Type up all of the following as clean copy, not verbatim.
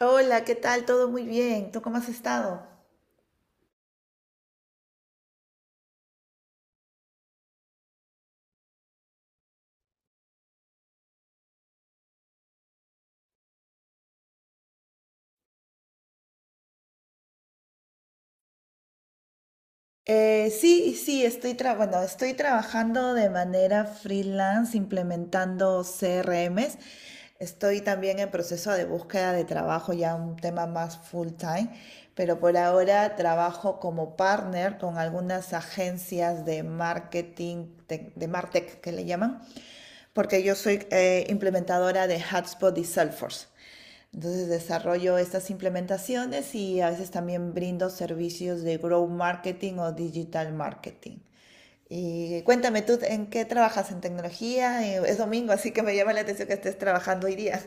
Hola, ¿qué tal? Todo muy bien. ¿Tú cómo has estado? Sí, sí, bueno, estoy trabajando de manera freelance implementando CRMs. Estoy también en proceso de búsqueda de trabajo, ya un tema más full time, pero por ahora trabajo como partner con algunas agencias de marketing, de Martech que le llaman. Porque yo soy implementadora de HubSpot y Salesforce. Entonces desarrollo estas implementaciones y a veces también brindo servicios de growth marketing o digital marketing. Y cuéntame tú, ¿en qué trabajas en tecnología? Es domingo, así que me llama la atención que estés trabajando hoy día.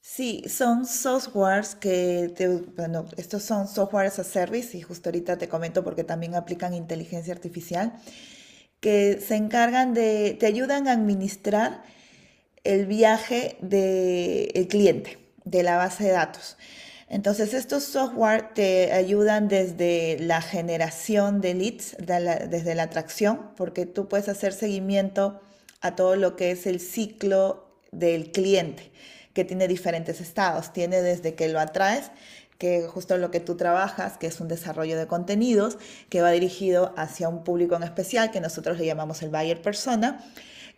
Sí, son softwares bueno, estos son softwares as a service y justo ahorita te comento porque también aplican inteligencia artificial, que se encargan te ayudan a administrar el viaje del cliente, de la base de datos. Entonces, estos software te ayudan desde la generación de leads, desde la atracción, porque tú puedes hacer seguimiento a todo lo que es el ciclo del cliente, que tiene diferentes estados. Tiene desde que lo atraes, que justo lo que tú trabajas, que es un desarrollo de contenidos, que va dirigido hacia un público en especial, que nosotros le llamamos el buyer persona.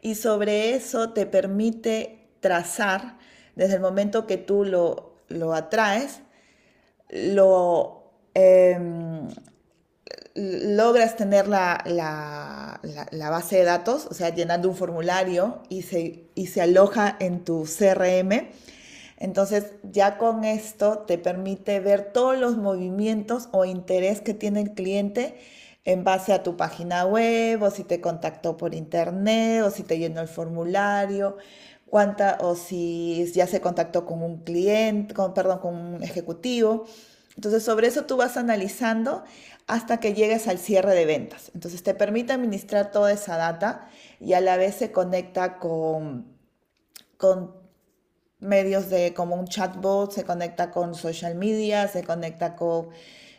Y sobre eso te permite trazar, desde el momento que tú lo atraes, lo, em, logras tener la base de datos, o sea, llenando un formulario y se aloja en tu CRM, entonces ya con esto te permite ver todos los movimientos o interés que tiene el cliente en base a tu página web, o si te contactó por internet, o si te llenó el formulario, cuánta o si ya se contactó con un cliente, perdón, con un ejecutivo. Entonces sobre eso tú vas analizando hasta que llegues al cierre de ventas. Entonces te permite administrar toda esa data y a la vez se conecta con medios de como un chatbot, se conecta con social media, se conecta con,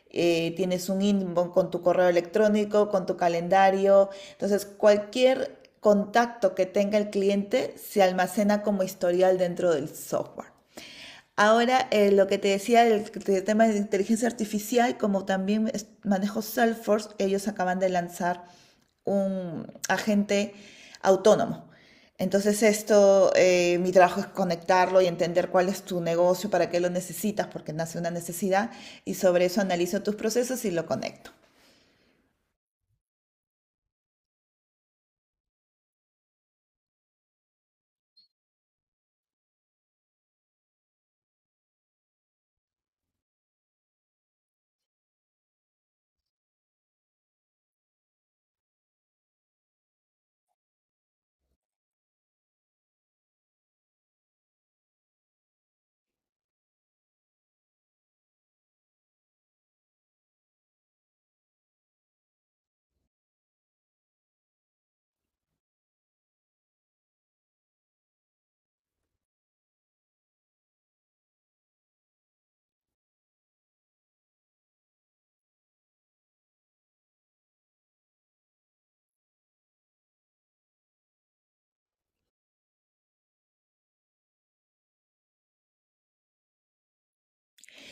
eh, tienes un inbox con tu correo electrónico, con tu calendario. Entonces, cualquier contacto que tenga el cliente se almacena como historial dentro del software. Ahora, lo que te decía del tema de inteligencia artificial, como también manejo Salesforce, ellos acaban de lanzar un agente autónomo. Entonces, mi trabajo es conectarlo y entender cuál es tu negocio, para qué lo necesitas, porque nace una necesidad, y sobre eso analizo tus procesos y lo conecto.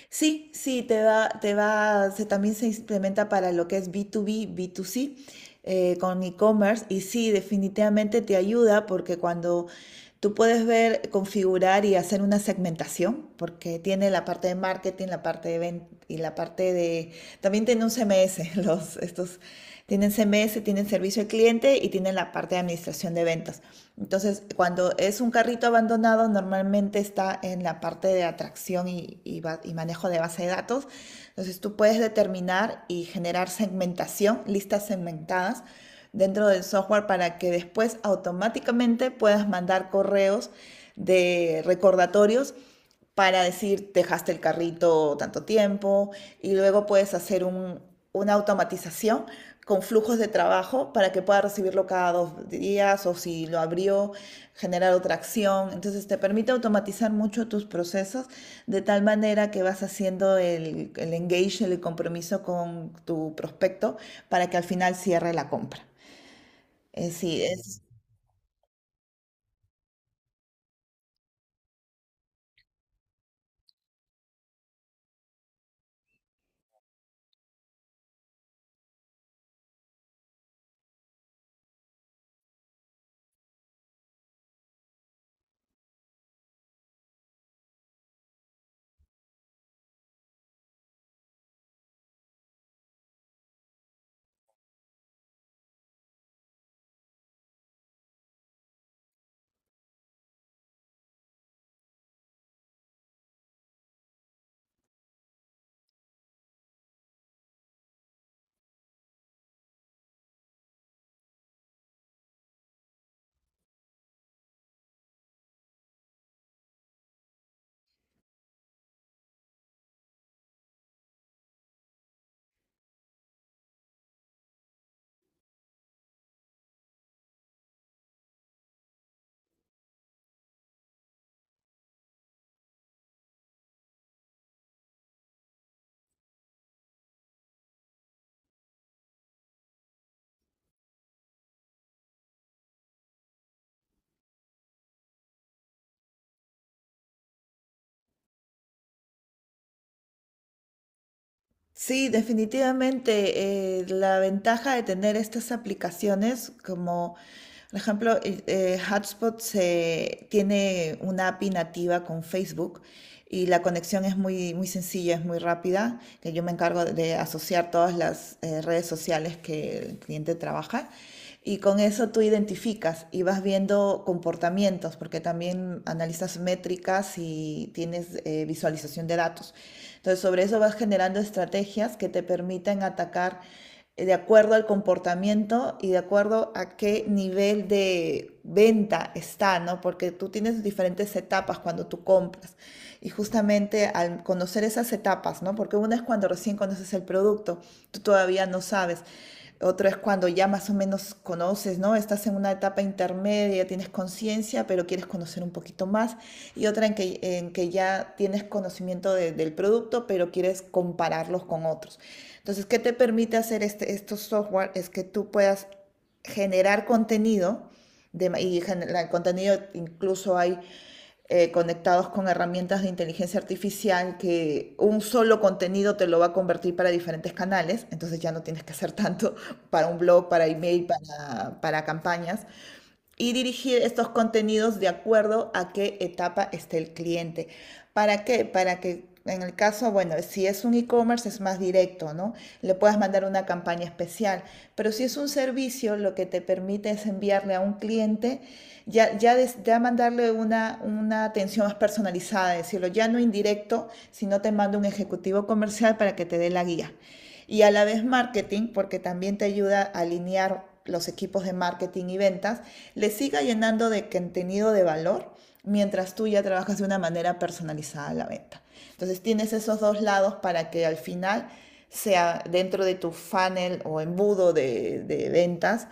Sí, sí, también se implementa para lo que es B2B, B2C, con e-commerce. Y sí, definitivamente te ayuda porque cuando tú puedes ver, configurar y hacer una segmentación, porque tiene la parte de marketing, la parte de venta y la parte de... También tiene un CMS, estos tienen CMS, tienen servicio al cliente y tienen la parte de administración de ventas. Entonces, cuando es un carrito abandonado, normalmente está en la parte de atracción y manejo de base de datos. Entonces, tú puedes determinar y generar segmentación, listas segmentadas dentro del software para que después automáticamente puedas mandar correos de recordatorios para decir dejaste el carrito tanto tiempo y luego puedes una automatización con flujos de trabajo para que pueda recibirlo cada dos días o si lo abrió, generar otra acción. Entonces te permite automatizar mucho tus procesos de tal manera que vas haciendo el engage, el compromiso con tu prospecto para que al final cierre la compra. Eh, sí, es, sí, definitivamente la ventaja de tener estas aplicaciones como, por ejemplo, Hotspot tiene una API nativa con Facebook y la conexión es muy sencilla, es muy rápida, que yo me encargo de asociar todas las redes sociales que el cliente trabaja. Y con eso tú identificas y vas viendo comportamientos, porque también analizas métricas y tienes visualización de datos. Entonces, sobre eso vas generando estrategias que te permitan atacar de acuerdo al comportamiento y de acuerdo a qué nivel de venta está, ¿no? Porque tú tienes diferentes etapas cuando tú compras. Y justamente al conocer esas etapas, ¿no? Porque una es cuando recién conoces el producto, tú todavía no sabes. Otro es cuando ya más o menos conoces, ¿no? Estás en una etapa intermedia, tienes conciencia, pero quieres conocer un poquito más. Y otra en que ya tienes conocimiento del producto, pero quieres compararlos con otros. Entonces, ¿qué te permite hacer estos software? Es que tú puedas generar contenido de y el contenido incluso hay conectados con herramientas de inteligencia artificial que un solo contenido te lo va a convertir para diferentes canales, entonces ya no tienes que hacer tanto para un blog, para email, para campañas, y dirigir estos contenidos de acuerdo a qué etapa esté el cliente. ¿Para qué? Para que en el caso, bueno, si es un e-commerce es más directo, ¿no? Le puedas mandar una campaña especial, pero si es un servicio, lo que te permite es enviarle a un cliente, ya mandarle una atención más personalizada, decirlo, ya no indirecto, sino te mando un ejecutivo comercial para que te dé la guía y a la vez marketing, porque también te ayuda a alinear los equipos de marketing y ventas, le siga llenando de contenido de valor mientras tú ya trabajas de una manera personalizada la venta. Entonces tienes esos dos lados para que al final sea dentro de tu funnel o embudo de ventas,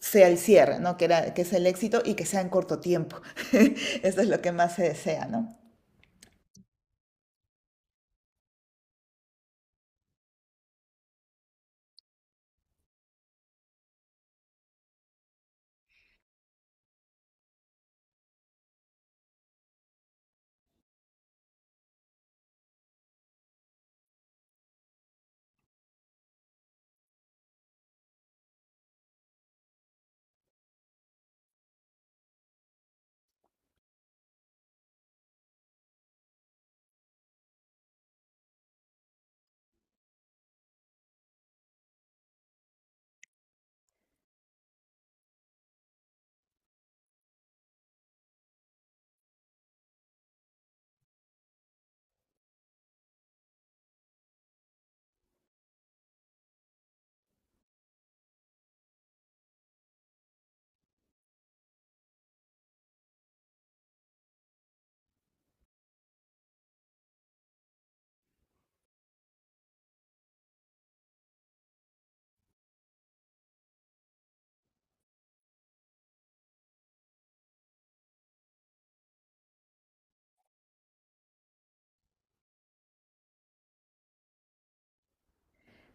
sea el cierre, ¿no? Que es el éxito y que sea en corto tiempo. Eso es lo que más se desea, ¿no?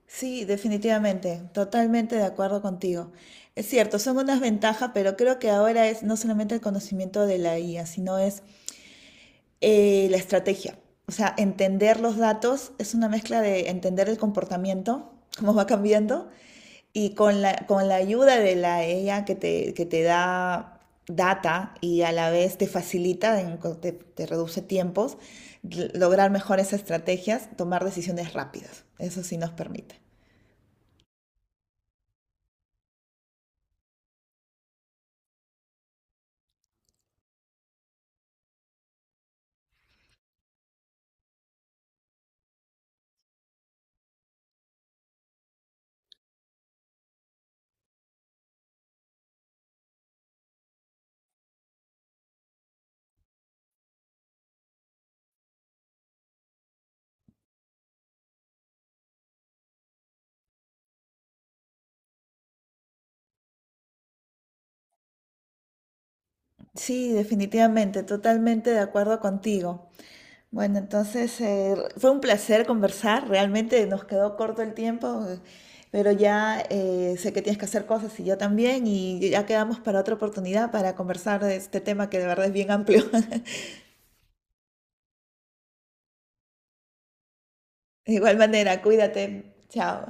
Sí, definitivamente, totalmente de acuerdo contigo. Es cierto, son unas ventajas, pero creo que ahora es no solamente el conocimiento de la IA, sino es la estrategia. O sea, entender los datos es una mezcla de entender el comportamiento, cómo va cambiando, y con con la ayuda de la IA que te da data y a la vez te facilita, te reduce tiempos, lograr mejores estrategias, tomar decisiones rápidas. Eso sí nos permite. Sí, definitivamente, totalmente de acuerdo contigo. Bueno, entonces fue un placer conversar, realmente nos quedó corto el tiempo, pero ya sé que tienes que hacer cosas y yo también, y ya quedamos para otra oportunidad para conversar de este tema que de verdad es bien amplio. De igual manera, cuídate, chao.